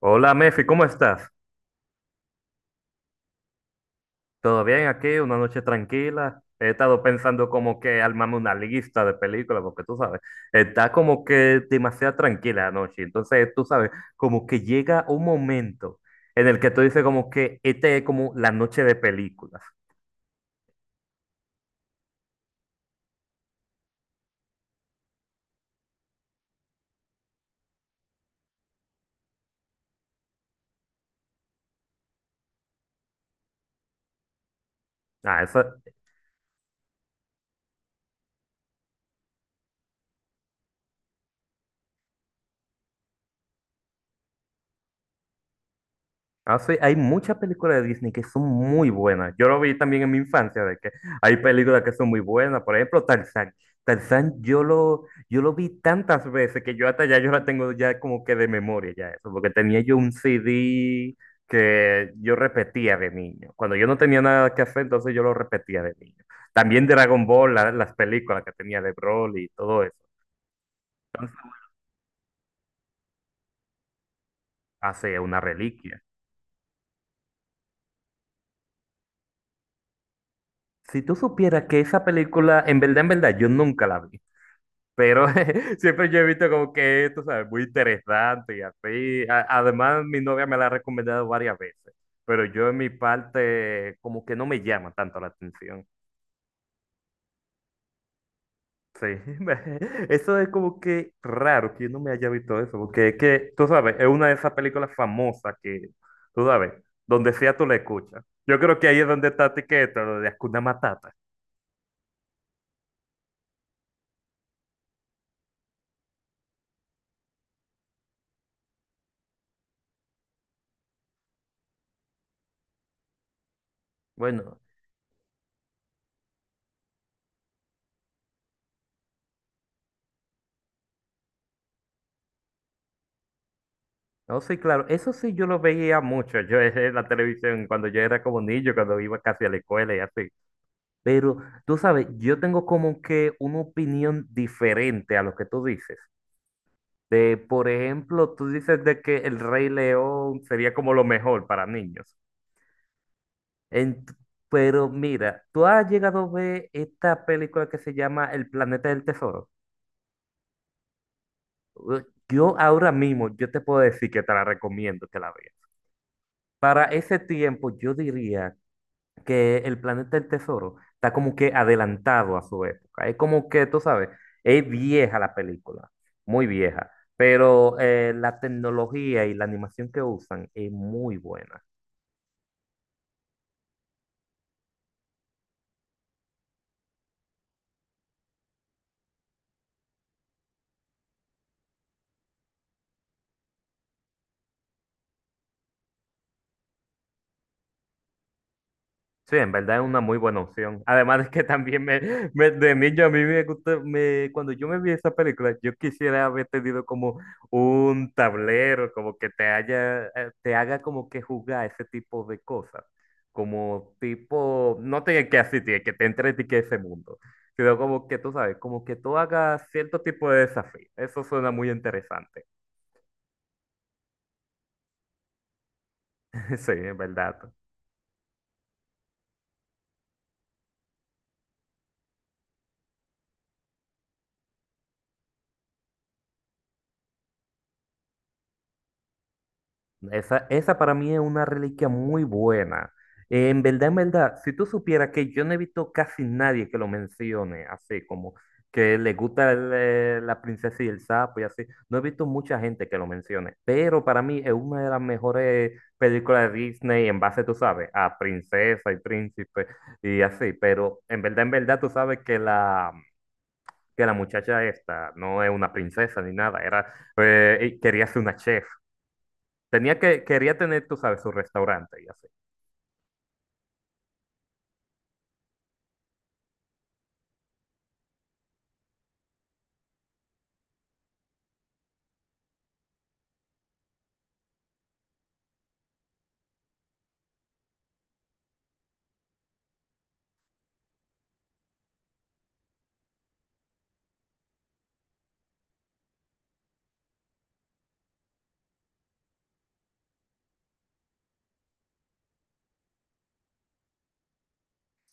Hola Mefi, ¿cómo estás? ¿Todo bien aquí? Una noche tranquila. He estado pensando como que armarme una lista de películas, porque tú sabes, está como que demasiado tranquila la noche. Entonces, tú sabes, como que llega un momento en el que tú dices como que esta es como la noche de películas. Ah, eso. Hay muchas películas de Disney que son muy buenas. Yo lo vi también en mi infancia, de que hay películas que son muy buenas. Por ejemplo, Tarzán. Tarzán, yo lo vi tantas veces que yo hasta ya yo la tengo ya como que de memoria ya eso, porque tenía yo un CD que yo repetía de niño. Cuando yo no tenía nada que hacer, entonces yo lo repetía de niño. También Dragon Ball, las películas que tenía de Broly y todo eso, hace una reliquia. Si tú supieras que esa película, en verdad, yo nunca la vi. Pero siempre yo he visto como que esto, ¿sabes? Muy interesante y así. Además, mi novia me la ha recomendado varias veces, pero yo en mi parte como que no me llama tanto la atención. Sí, me- eso es como que raro que yo no me haya visto eso, porque es que, tú sabes, es una de esas películas famosas que, tú sabes, donde sea tú la escuchas. Yo creo que ahí es donde está etiqueta, lo de Hakuna Matata. Bueno, no, sí, claro, eso sí yo lo veía mucho, yo en la televisión cuando yo era como niño, cuando iba casi a la escuela y así. Pero tú sabes, yo tengo como que una opinión diferente a lo que tú dices. De, por ejemplo, tú dices de que El Rey León sería como lo mejor para niños. Ent- pero mira, tú has llegado a ver esta película que se llama El Planeta del Tesoro. Uh, Yo ahora mismo, yo te puedo decir que te la recomiendo que la veas. Para ese tiempo, yo diría que el planeta del tesoro está como que adelantado a su época. Es como que, tú sabes, es vieja la película, muy vieja, pero la tecnología y la animación que usan es muy buena. Sí, en verdad es una muy buena opción. Además es que también de niño a mí me gusta, me, cuando yo me vi esa película, yo quisiera haber tenido como un tablero, como que te haya, te haga como que jugar ese tipo de cosas. Como tipo, no tiene que asistir, que te entre que ese mundo, sino como que tú sabes, como que tú hagas cierto tipo de desafío. Eso suena muy interesante. Sí, en verdad. Esa para mí es una reliquia muy buena. En verdad, en verdad, si tú supieras que yo no he visto casi nadie que lo mencione, así como que le gusta el, la princesa y el sapo y así, no he visto mucha gente que lo mencione, pero para mí es una de las mejores películas de Disney en base, tú sabes, a princesa y príncipe y así, pero en verdad, tú sabes que que la muchacha esta no es una princesa ni nada, era, quería ser una chef. Quería tener, tú sabes, su restaurante y así.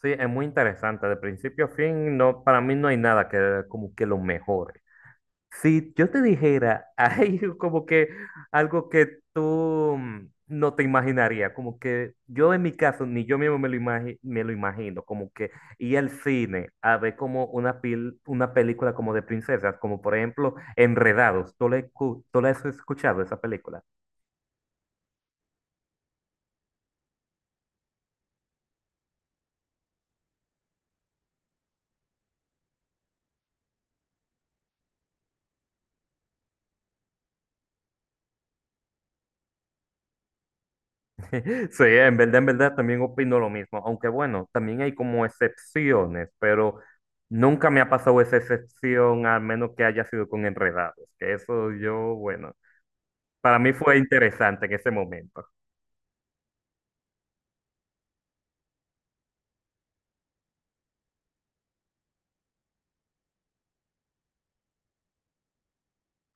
Sí, es muy interesante. De principio a fin, no, para mí no hay nada que como que lo mejore. Si yo te dijera, hay como que algo que tú no te imaginarías, como que yo en mi caso, ni yo mismo me lo, me lo imagino, como que ir al cine a ver como una película como de princesas, como por ejemplo Enredados. Tú la has escuchado esa película? Sí, en verdad también opino lo mismo, aunque bueno, también hay como excepciones, pero nunca me ha pasado esa excepción, al menos que haya sido con enredados, que eso yo, bueno, para mí fue interesante en ese momento.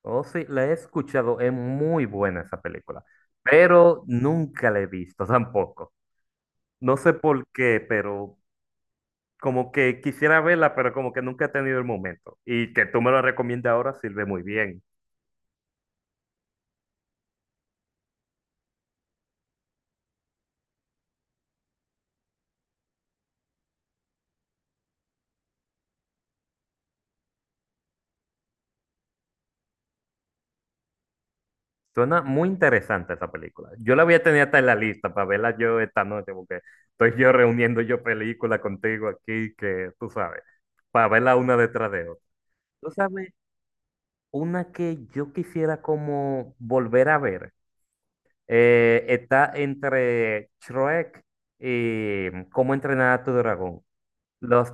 Oh, sí, la he escuchado, es muy buena esa película, pero nunca la he visto tampoco. No sé por qué, pero como que quisiera verla, pero como que nunca he tenido el momento. Y que tú me lo recomiendas ahora sirve muy bien. Suena muy interesante esa película. Yo la voy a tener hasta en la lista para verla yo esta noche, porque estoy yo reuniendo yo películas contigo aquí, que tú sabes, para verla una detrás de otra. Tú sabes, una que yo quisiera como volver a ver, está entre Shrek y Cómo entrenar a tu dragón. Los,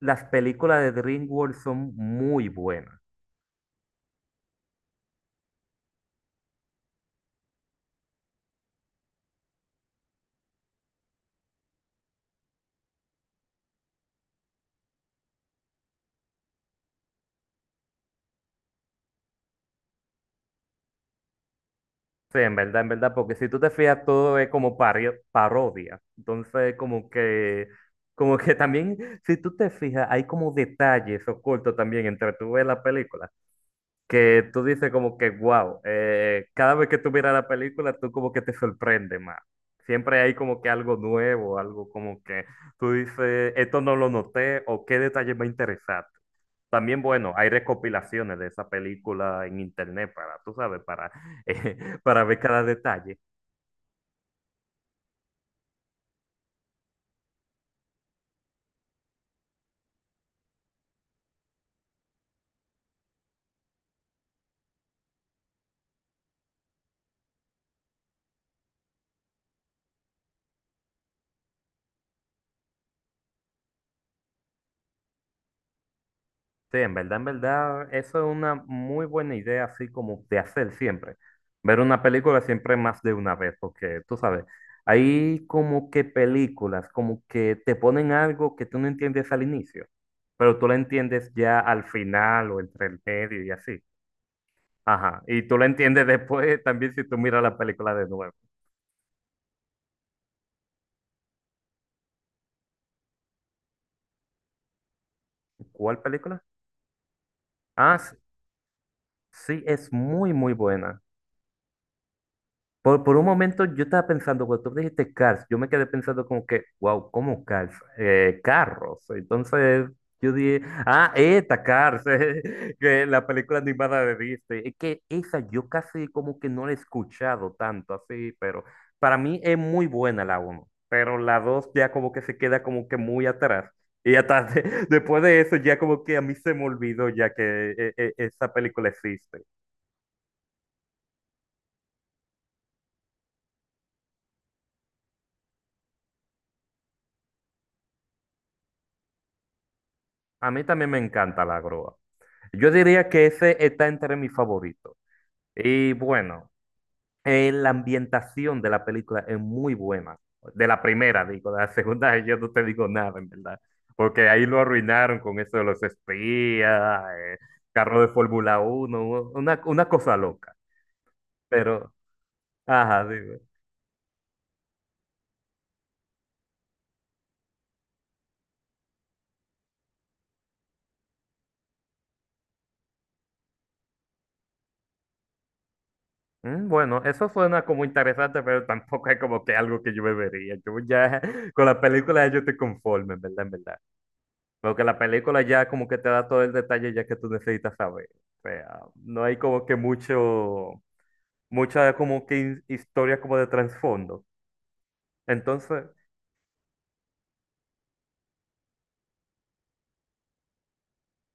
las películas de DreamWorks son muy buenas. Sí, en verdad, porque si tú te fijas, todo es como parodia. Entonces, como que también, si tú te fijas, hay como detalles ocultos también entre tú ves la película, que tú dices como que, wow, cada vez que tú miras la película, tú como que te sorprende más. Siempre hay como que algo nuevo, algo como que tú dices, esto no lo noté, o qué detalle me interesante. También, bueno, hay recopilaciones de esa película en internet para, tú sabes, para, eh, para ver cada detalle. Sí, en verdad, eso es una muy buena idea, así como de hacer siempre. Ver una película siempre más de una vez, porque tú sabes, hay como que películas, como que te ponen algo que tú no entiendes al inicio, pero tú lo entiendes ya al final o entre el medio y así. Ajá, y tú lo entiendes después también si tú miras la película de nuevo. ¿Cuál película? Ah, sí, es muy, muy buena. Por un momento yo estaba pensando, cuando tú dijiste Cars, yo me quedé pensando como que, wow, ¿cómo Cars? Carros. Entonces yo dije, ah, esta Cars, que la película animada de Disney. Es que esa yo casi como que no la he escuchado tanto así, pero para mí es muy buena la uno, pero la 2 ya como que se queda como que muy atrás. Y hasta después de eso ya como que a mí se me olvidó ya que esa película existe. A mí también me encanta la grúa. Yo diría que ese está entre mis favoritos. Y bueno, la ambientación de la película es muy buena. De la primera, digo, de la segunda yo no te digo nada, en verdad. Porque ahí lo arruinaron con eso de los espías, carro de Fórmula Uno, una cosa loca. Pero, ajá, digo. "Mm, bueno, eso suena como interesante, pero tampoco es como que algo que yo me vería. Yo ya con la película yo estoy conforme, en verdad, en verdad. Porque la película ya como que te da todo el detalle ya que tú necesitas saber. O sea, no hay como que mucha como que historia como de trasfondo. Entonces,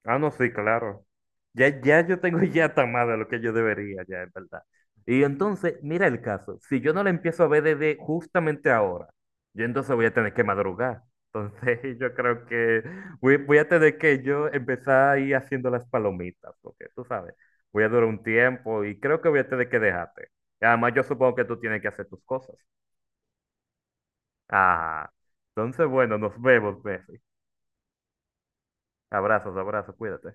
ah, no, sí, claro. Ya, ya yo tengo ya hasta más de lo que yo debería, ya, es verdad. Y entonces, mira el caso. Si yo no la empiezo a ver desde justamente ahora, yo entonces voy a tener que madrugar. Entonces, yo creo que voy a tener que yo empezar a ir haciendo las palomitas, porque tú sabes, voy a durar un tiempo y creo que voy a tener que dejarte. Y además, yo supongo que tú tienes que hacer tus cosas. Ah, entonces, bueno, nos vemos, Messi. Abrazos, abrazos, cuídate.